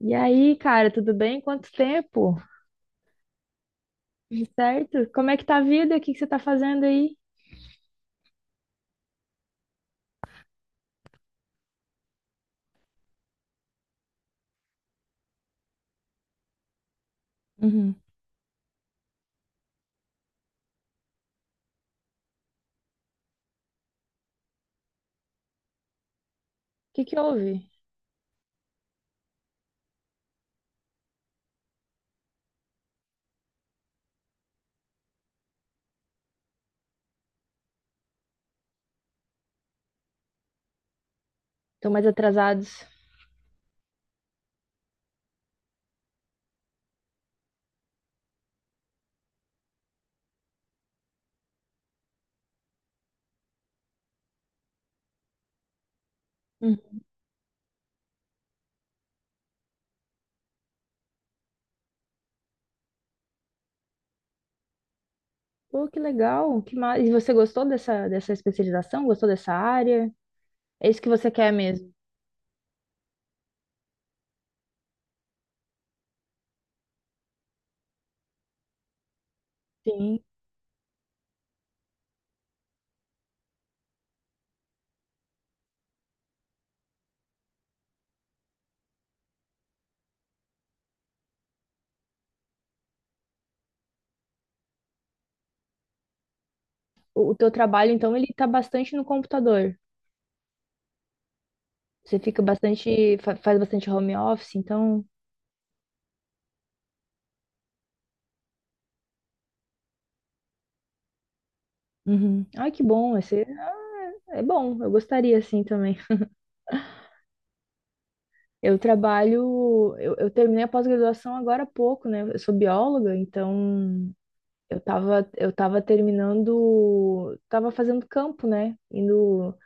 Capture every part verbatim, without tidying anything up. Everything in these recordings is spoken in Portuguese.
E aí, cara, tudo bem? Quanto tempo? Tudo certo? Como é que tá a vida? O que que você tá fazendo aí? Uhum. O que que houve? Estão mais atrasados. Hum. Pô, que legal. Que ma... E você gostou dessa, dessa especialização? Gostou dessa área? É isso que você quer mesmo? Sim. O, o teu trabalho, então, ele tá bastante no computador. Você fica bastante, fa- faz bastante home office, então. Uhum. Ai, que bom. Esse... É é bom. Eu gostaria, assim, também. Eu trabalho, eu, eu terminei a pós-graduação agora há pouco, né? Eu sou bióloga, então eu tava, eu tava terminando, tava fazendo campo, né? Indo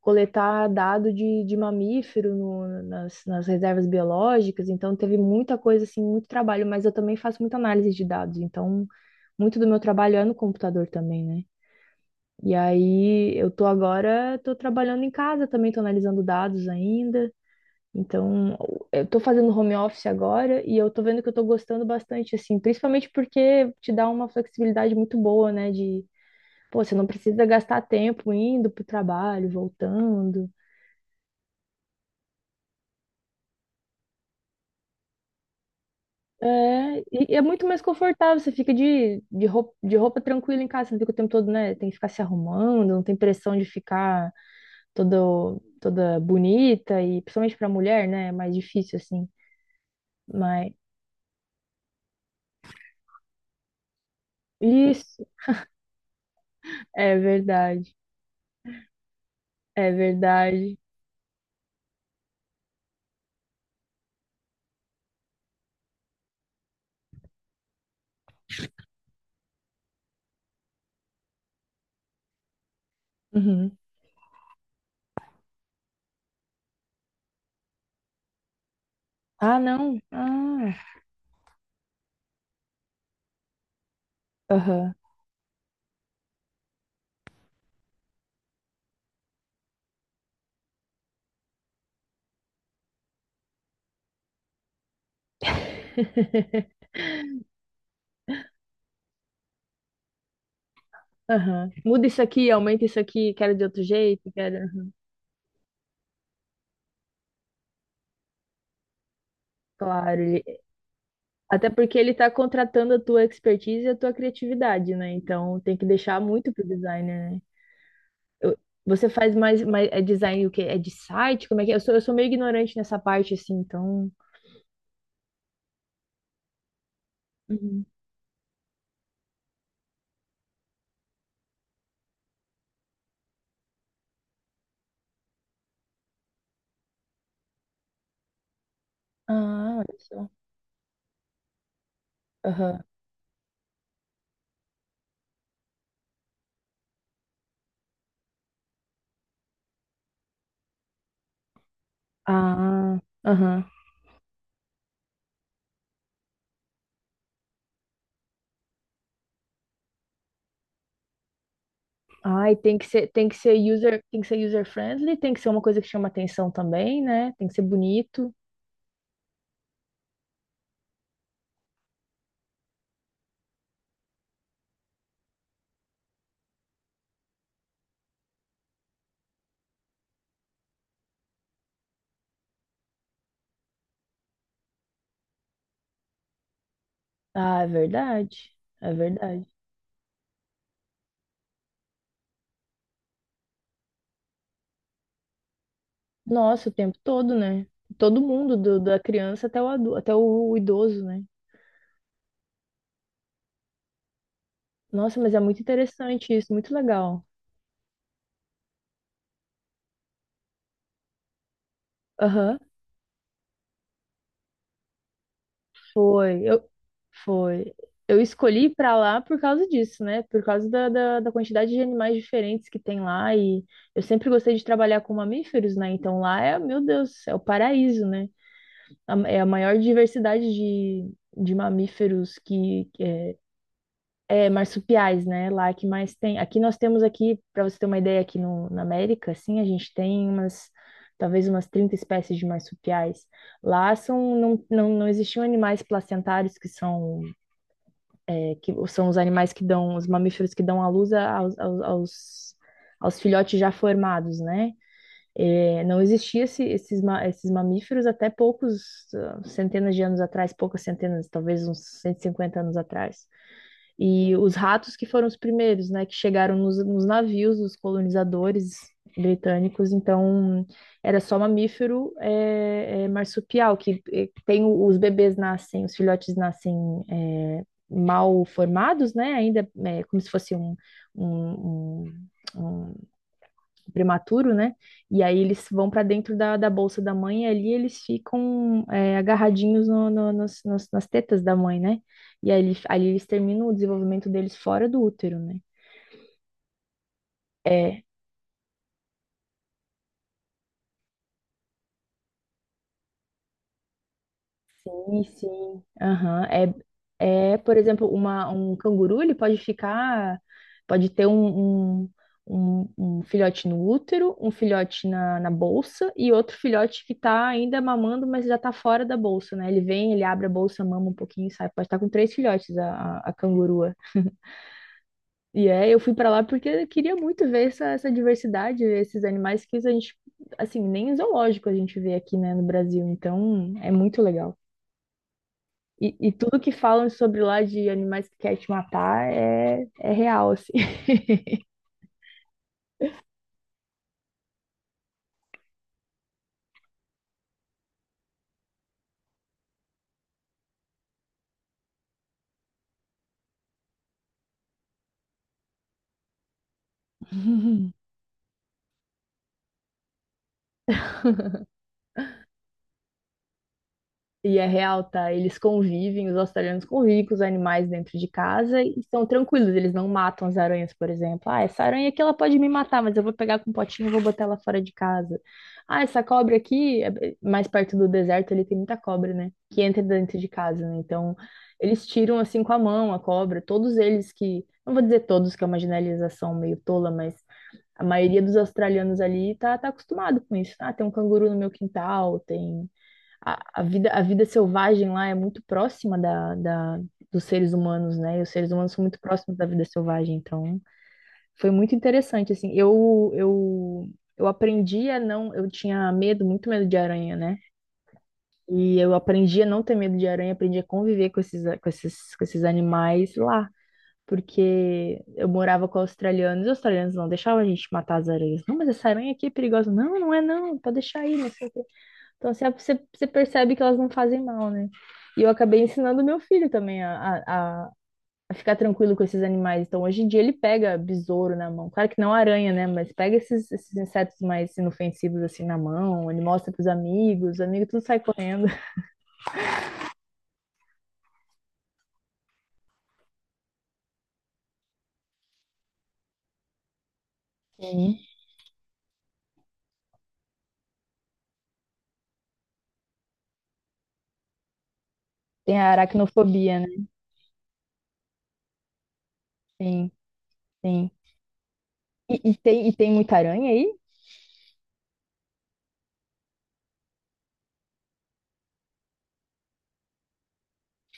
coletar dado de, de mamífero no- nas, nas reservas biológicas, então teve muita coisa, assim, muito trabalho, mas eu também faço muita análise de dados, então muito do meu trabalho é no computador também, né? E aí eu tô agora, tô trabalhando em casa também, tô analisando dados ainda. Então, eu tô fazendo home office agora e eu tô vendo que eu tô gostando bastante, assim, principalmente porque te dá uma flexibilidade muito boa, né? De, pô, você não precisa gastar tempo indo pro trabalho, voltando. É, e e é muito mais confortável, você fica de, de roupa, de roupa tranquila em casa, você não fica o tempo todo, né? Tem que ficar se arrumando, não tem pressão de ficar todo, toda bonita, e principalmente pra mulher, né? É mais difícil, assim. Mas isso é verdade, é verdade. Uhum. Ah, não. Ah, aham, aham. Muda isso aqui, aumenta isso aqui, quero de outro jeito, quero. Claro, ele- até porque ele está contratando a tua expertise e a tua criatividade, né? Então tem que deixar muito pro designer, né? Eu- Você faz mais, mais é design o quê? É de site? Como é que é? Eu sou, eu sou meio ignorante nessa parte, assim, então. Uhum. Ah, olha só. Aham. Ah, aham. Ai, tem que ser, tem que ser user, tem que ser user friendly, tem que ser uma coisa que chama atenção também, né? Tem que ser bonito. Ah, é verdade. É verdade. Nossa, o tempo todo, né? Todo mundo, do- da criança até o, adu- até o idoso, né? Nossa, mas é muito interessante isso, muito legal. Aham, foi. Eu, foi. Eu escolhi ir pra lá por causa disso, né? Por causa da, da, da quantidade de animais diferentes que tem lá. E eu sempre gostei de trabalhar com mamíferos, né? Então lá é, meu Deus, é o paraíso, né? A- É a maior diversidade de, de mamíferos que, que é é, marsupiais, né? Lá que mais tem. Aqui nós temos aqui, para você ter uma ideia, aqui no, na América, assim, a gente tem umas, talvez umas trinta espécies de marsupiais. Lá são, não, não, não existiam animais placentários, que são, é, que são os animais que dão, os mamíferos que dão à luz a- aos, aos, aos, aos filhotes já formados, né? É, não existia esse- esses, ma- esses mamíferos até poucos ah, centenas de anos atrás, poucas centenas, talvez uns cento e cinquenta anos atrás. E os ratos que foram os primeiros, né, que chegaram nos, nos navios dos colonizadores britânicos, então era só mamífero é, é, marsupial, que é, tem o- os bebês nascem, os filhotes nascem é, mal formados, né, ainda é, como se fosse um, um, um- um- prematuro, né? E aí eles vão para dentro da, da bolsa da mãe e ali eles ficam é, agarradinhos no, no- nas, nas- nas tetas da mãe, né? E aí, ali ali eles terminam o desenvolvimento deles fora do útero, né? É, sim, sim. Aham. É, é, por exemplo, uma, um canguru, ele pode ficar, pode ter um, um, um- um filhote no útero, um filhote na, na bolsa e outro filhote que está ainda mamando, mas já está fora da bolsa, né? Ele vem, ele abre a bolsa, mama um pouquinho e sai. Pode estar com três filhotes a, a, a cangurua. E é, eu fui para lá porque eu queria muito ver essa, essa diversidade, ver esses animais que a gente, assim, nem em zoológico a gente vê aqui, né, no Brasil. Então, é muito legal. E, e tudo que falam sobre lá de animais que quer te matar é, é real, assim. E é real, tá? Eles convivem, os australianos convivem com os animais dentro de casa e estão tranquilos, eles não matam as aranhas, por exemplo. Ah, essa aranha aqui ela pode me matar, mas eu vou pegar com um potinho e vou botar ela fora de casa. Ah, essa cobra aqui, é- é, mais perto do deserto, ele tem muita cobra, né? Que entra dentro de casa, né? Então, eles tiram assim com a mão a cobra, todos eles que, não vou dizer todos, que é uma generalização meio tola, mas a maioria dos australianos ali tá, tá acostumado com isso. Ah, tem um canguru no meu quintal, tem. A, a vida, a vida selvagem lá é muito próxima da, da, dos seres humanos, né? E os seres humanos são muito próximos da vida selvagem, então foi muito interessante, assim. Eu, eu, eu aprendi a não. Eu tinha medo, muito medo de aranha, né? E eu aprendi a não ter medo de aranha, aprendi a conviver com esses, com esses, com esses animais lá porque eu morava com australianos, e os australianos não deixavam a gente matar as aranhas. Não, mas essa aranha aqui é perigosa. Não, não é não, pode deixar aí, não sei o quê. Então assim, você, você percebe que elas não fazem mal, né? E eu acabei ensinando meu filho também a, a, a- a ficar tranquilo com esses animais. Então hoje em dia ele pega besouro na mão. Claro que não aranha, né? Mas pega esses, esses insetos mais inofensivos assim na mão, ele mostra pros amigos, os amigos tudo sai correndo. Sim. Tem a aracnofobia, né? Sim, sim. E, e tem, e tem muita aranha aí?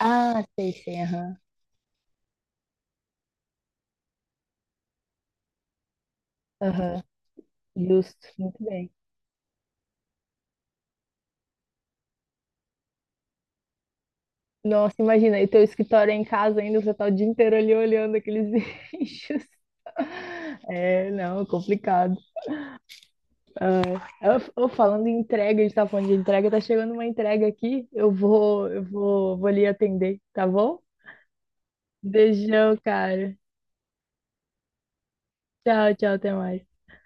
Ah, sei, sei, aham. Aham, justo, muito bem. Nossa, imagina, e teu escritório é em casa ainda, você tá o dia inteiro ali olhando aqueles bichos. É, não, complicado. Eu, eu falando em entrega, a gente tá falando de entrega, tá chegando uma entrega aqui. Eu vou, eu vou, vou ali atender, tá bom? Beijão, cara. Tchau, tchau, até mais.